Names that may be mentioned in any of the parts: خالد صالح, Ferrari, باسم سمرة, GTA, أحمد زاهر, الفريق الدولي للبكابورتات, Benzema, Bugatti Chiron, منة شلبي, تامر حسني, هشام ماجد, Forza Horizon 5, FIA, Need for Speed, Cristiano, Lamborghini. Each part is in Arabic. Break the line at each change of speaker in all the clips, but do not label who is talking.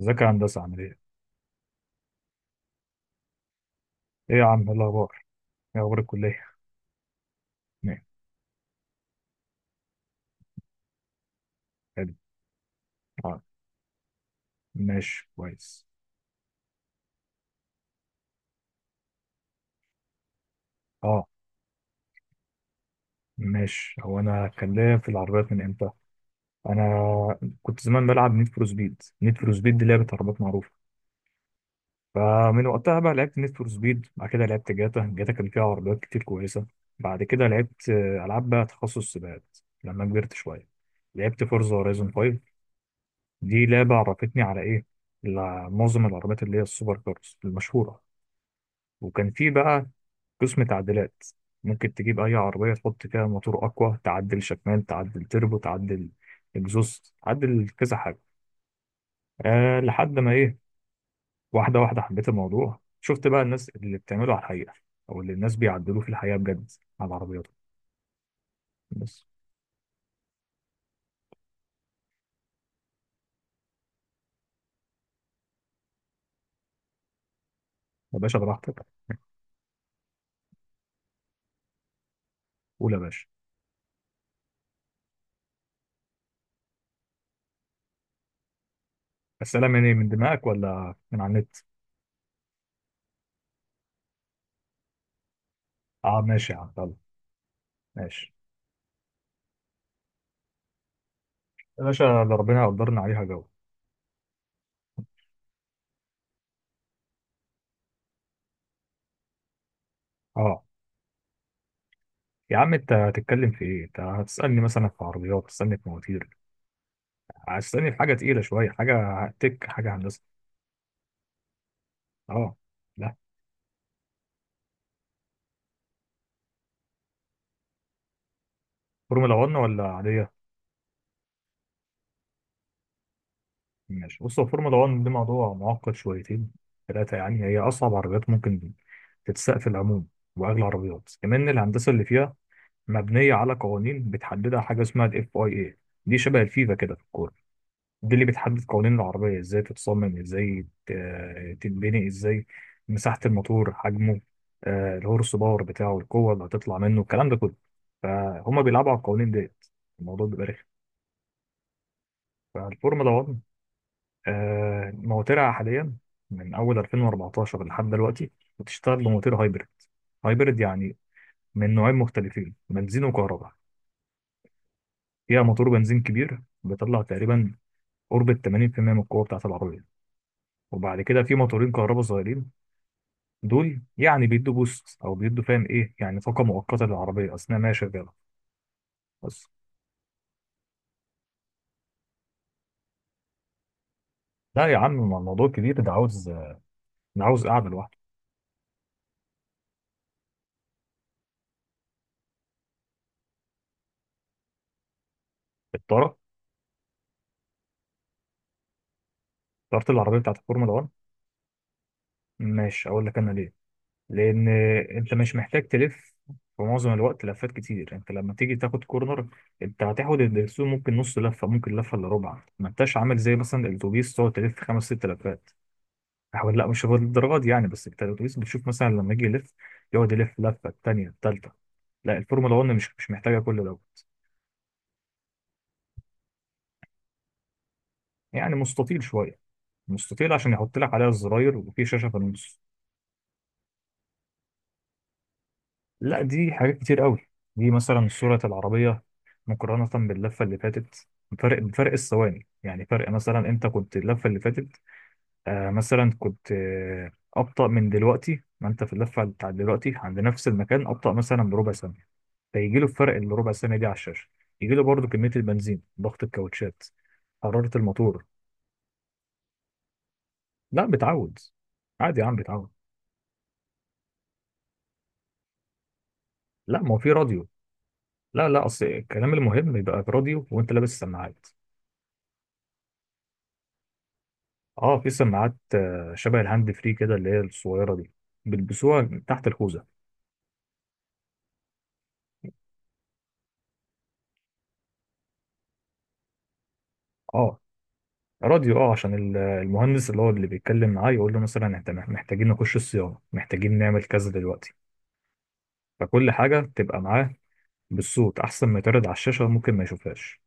ازيك يا هندسة عامل ايه؟ ايه يا عم، ايه الأخبار؟ ايه أخبار الكلية؟ نعم. حلو. اه. ماشي، كويس. اه، ماشي. هو أنا هتكلم في العربيات من امتى؟ أنا كنت زمان بلعب نيد فور سبيد. نيد فور سبيد دي لعبة عربيات معروفة. فمن وقتها بقى لعبت نيد فور سبيد، بعد كده لعبت جاتا. جاتا كان فيها عربيات كتير كويسة. بعد كده لعبت ألعاب بقى تخصص سباقات لما كبرت شوية. لعبت فورزا هورايزون 5. دي لعبة عرفتني على ايه؟ على معظم العربيات اللي هي السوبر كارز المشهورة. وكان في بقى قسم تعديلات. ممكن تجيب أي عربية تحط فيها موتور أقوى، تعدل شكمان، تعدل تربو، تعدل إكزوست، تعدل كذا حاجة. أه، لحد ما إيه، واحدة واحدة حبيت الموضوع. شفت بقى الناس اللي بتعمله على الحقيقة، أو اللي الناس بيعدلوه في الحقيقة بجد على عربياتهم بس. يا باشا براحتك. قول يا باشا. السلام من إيه، من دماغك ولا من على النت؟ أه ماشي يا عم، يلا. ماشي يا باشا، ده ربنا قدرنا عليها جو. أه. يا عم أنت هتتكلم في إيه؟ أنت هتسألني مثلا في عربيات، تسألني في مواتير، هتستني في حاجة تقيلة شوية، حاجة تك، حاجة هندسة. اه. لا فورمولا 1 ولا عادية. ماشي، بص، هو فورمولا 1 دي موضوع معقد شويتين ثلاثة يعني. هي أصعب عربيات ممكن تتساق في العموم، وأغلى عربيات كمان. الهندسة اللي فيها مبنية على قوانين بتحددها حاجة اسمها ال FIA. دي شبه الفيفا كده في الكورة. دي اللي بتحدد قوانين العربية ازاي تتصمم، ازاي تتبني، ازاي مساحة الموتور، حجمه، الهورس باور بتاعه، القوة اللي هتطلع منه، الكلام ده كله. فهم بيلعبوا على القوانين ديت. الموضوع بيبقى رخم. فالفورمولا 1 مواترها حاليا من أول 2014 لحد دلوقتي بتشتغل بمواتير هايبرد. هايبرد يعني من نوعين مختلفين، بنزين وكهرباء. فيها موتور بنزين كبير بيطلع تقريبا قرب ال 80% من القوة بتاعة العربية، وبعد كده في موتورين كهرباء صغيرين. دول يعني بيدوا بوست او بيدوا، فاهم ايه، يعني طاقه مؤقته للعربيه اثناء ما هي شغاله بس. لا يا عم، ما الموضوع كبير، ده عاوز، ده عاوز قاعده لوحده. الطاره طاره العربيه بتاعت الفورمولا 1، ماشي اقول لك انا ليه. لان انت مش محتاج تلف في معظم الوقت لفات كتير. انت لما تيجي تاخد كورنر، انت هتاخد الدرسون ممكن نص لفه، ممكن لفه الا ربع. ما انتش عامل زي مثلا الاتوبيس تقعد تلف خمس ست لفات. حاول، لا مش هو للدرجه دي يعني، بس انت الاتوبيس بتشوف مثلا لما يجي يلف، يقعد يلف لفه الثانيه، الثالثه. لا الفورمولا 1 مش محتاجه كل دوت. يعني مستطيل شويه. مستطيل عشان يحط لك عليها الزراير، وفي شاشه في النص. لا دي حاجات كتير قوي. دي مثلا صوره العربيه مقارنه باللفه اللي فاتت، فرق بفرق الثواني. يعني فرق، مثلا انت كنت اللفه اللي فاتت مثلا كنت ابطا من دلوقتي، ما انت في اللفه بتاعت دلوقتي عند نفس المكان ابطا مثلا بربع ثانيه، فيجي له الفرق اللي ربع سنه دي على الشاشه. يجي له برضه كميه البنزين، ضغط الكاوتشات، حراره الموتور. لا بتعود. عادي يا عم، بتعود. لا ما هو في راديو. لا، لا، اصل الكلام المهم يبقى في راديو وانت لابس سماعات. اه، في سماعات شبه الهاند فري كده، اللي هي الصغيره دي، بيلبسوها تحت الخوذه. اه. راديو اه عشان المهندس اللي هو اللي بيتكلم معاه يقول له مثلا احنا محتاجين نخش الصيانه، محتاجين نعمل كذا دلوقتي. فكل حاجه تبقى معاه بالصوت، احسن ما يتعرض على الشاشه ممكن ما يشوفهاش.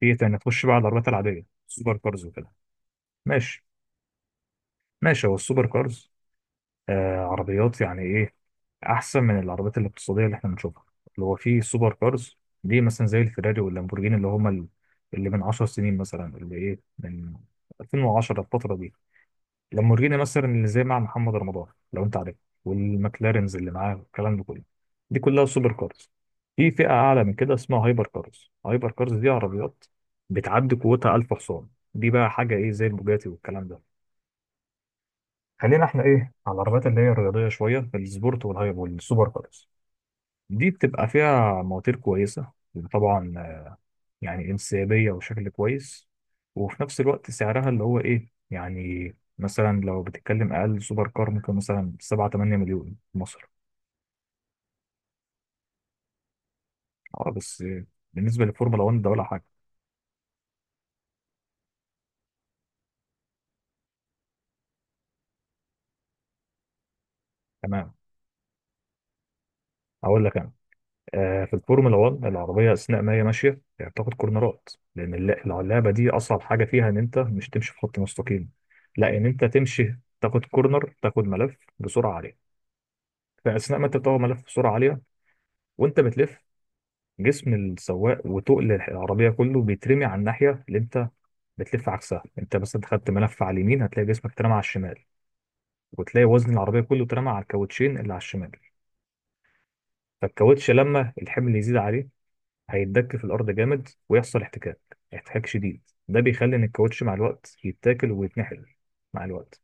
في ايه تاني؟ نخش بقى على العربيات العادية، السوبر كارز وكده. ماشي، ماشي. هو السوبر كارز عربيات يعني ايه، احسن من العربيات الاقتصادية اللي احنا بنشوفها. اللي هو في سوبر كارز، دي مثلا زي الفيراري واللامبورجيني، اللي هما اللي من 10 سنين مثلا، اللي ايه، من 2010 الفترة دي. لامبورجيني مثلا اللي زي مع محمد رمضان، لو انت عارف، والمكلارنز اللي معاه والكلام ده كله، دي كلها سوبر كارز. في فئة أعلى من كده اسمها هايبر كارز. هايبر كارز دي عربيات بتعدي قوتها 1000 حصان. دي بقى حاجة إيه زي البوجاتي والكلام ده. خلينا إحنا إيه، على العربيات اللي هي الرياضية شوية، السبورت والهايبر والسوبر كارز. دي بتبقى فيها مواتير كويسة طبعا، يعني انسيابية وشكل كويس، وفي نفس الوقت سعرها اللي هو إيه، يعني مثلا لو بتتكلم أقل سوبر كار ممكن مثلا 7 8 مليون في مصر. أه، بس بالنسبة للفورمولا 1 ده ولا حاجة. تمام. هقول لك أنا. في الفورمولا 1 العربية أثناء ما هي ماشية يعني بتاخد كورنرات. لأن اللعبة دي أصعب حاجة فيها إن أنت مش تمشي في خط مستقيم. لا، إن أنت تمشي، تاخد كورنر، تاخد ملف بسرعة عالية. فأثناء ما أنت بتاخد ملف بسرعة عالية وأنت بتلف، جسم السواق وتقل العربية كله بيترمي على الناحية اللي انت بتلف عكسها. انت مثلا خدت ملف على اليمين، هتلاقي جسمك اترمى على الشمال، وتلاقي وزن العربية كله اترمى على الكاوتشين اللي على الشمال. فالكاوتش لما الحمل يزيد عليه هيتدك في الأرض جامد، ويحصل احتكاك، احتكاك شديد. ده بيخلي ان الكاوتش مع الوقت يتاكل ويتنحل مع الوقت،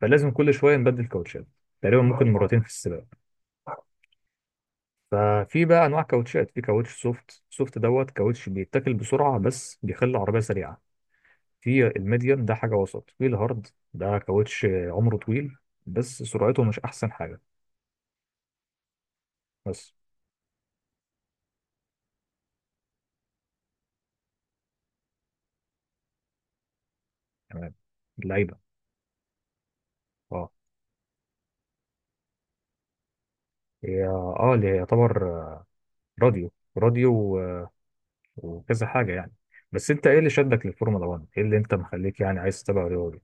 فلازم كل شوية نبدل كاوتشات. تقريبا ممكن مرتين في السباق. ففي بقى انواع كاوتشات. في كاوتش سوفت. سوفت دوت كاوتش بيتاكل بسرعه، بس بيخلي العربيه سريعه. في الميديم، ده حاجة وسط. في الهارد، ده كاوتش عمره طويل بس سرعته مش أحسن حاجة. بس. تمام. اللعيبة، اه. هي اللي هي يعتبر راديو، راديو وكذا حاجة يعني. بس انت ايه اللي شدك للفورمولا 1؟ ايه اللي انت مخليك يعني عايز تتابع رياضي؟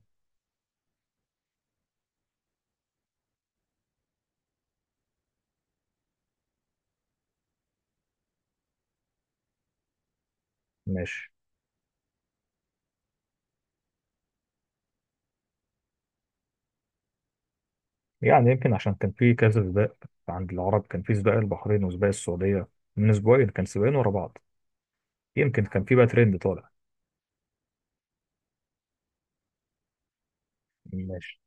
ماشي. يعني يمكن عشان كان في كذا سباق. عند العرب كان في سباق البحرين وسباق السعودية، من اسبوعين كان سباقين ورا بعض، يمكن كان في بقى ترند طالع. ماشي.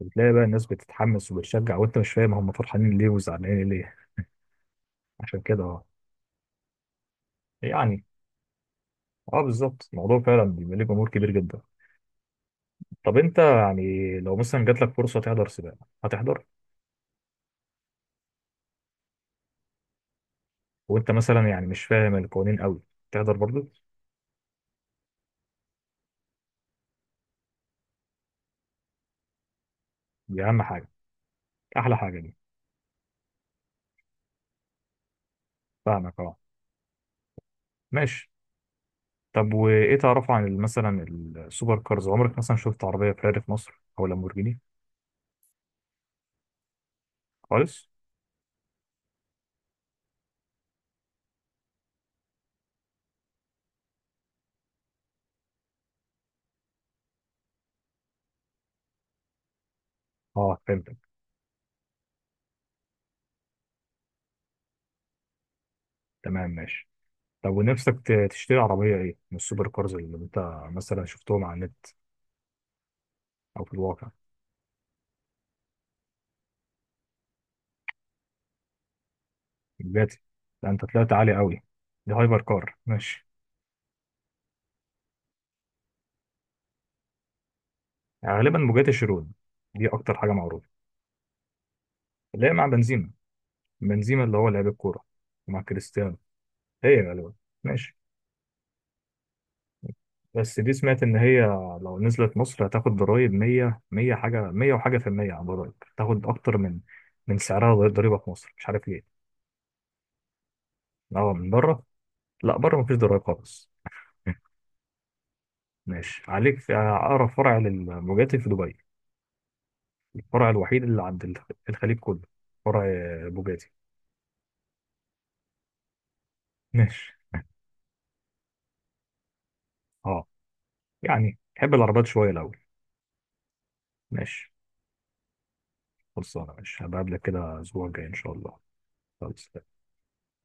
بتلاقي بقى الناس بتتحمس وبتشجع، وانت مش فاهم هم فرحانين ليه وزعلانين ليه. عشان كده، اه. يعني اه، بالظبط، الموضوع فعلا بيبقى ليه جمهور كبير جدا. طب انت يعني لو مثلا جات لك فرصه تحضر سباق، هتحضر؟ وانت مثلا يعني مش فاهم القوانين قوي، تحضر برضو؟ دي اهم حاجه. احلى حاجه دي. فاهمك، اه، ماشي. طب وايه تعرفه عن مثلا السوبر كارز؟ عمرك مثلا شفت عربيه فيراري في مصر او لامبورجيني خالص؟ اه فهمتك. تمام، ماشي. طب ونفسك تشتري عربية ايه من السوبر كارز اللي انت مثلا شفتهم على النت، او في الواقع؟ بوجاتي؟ ده انت طلعت عالي قوي. دي هايبر كار، ماشي. يعني غالبا بوجاتي شيرون، دي اكتر حاجة معروفة، اللي هي مع بنزيما. بنزيما اللي هو لعيب الكورة، ومع كريستيانو. هي غالبا، ماشي. بس دي سمعت ان هي لو نزلت مصر هتاخد ضرايب 100، 100 حاجة، 100 وحاجة في المية على الضرايب، تاخد اكتر من سعرها ضريبة في مصر، مش عارف ليه. اه، من بره؟ لا بره مفيش ضرايب خالص. ماشي، عليك في أقرب فرع للبوجاتي في دبي، الفرع الوحيد اللي عند الخليج كله. فرع بوجاتي. ماشي. اه، يعني بحب العربيات شوية الأول. ماشي. خلصانة، ماشي، هبقابلك كده الأسبوع الجاي إن شاء الله. خلاص.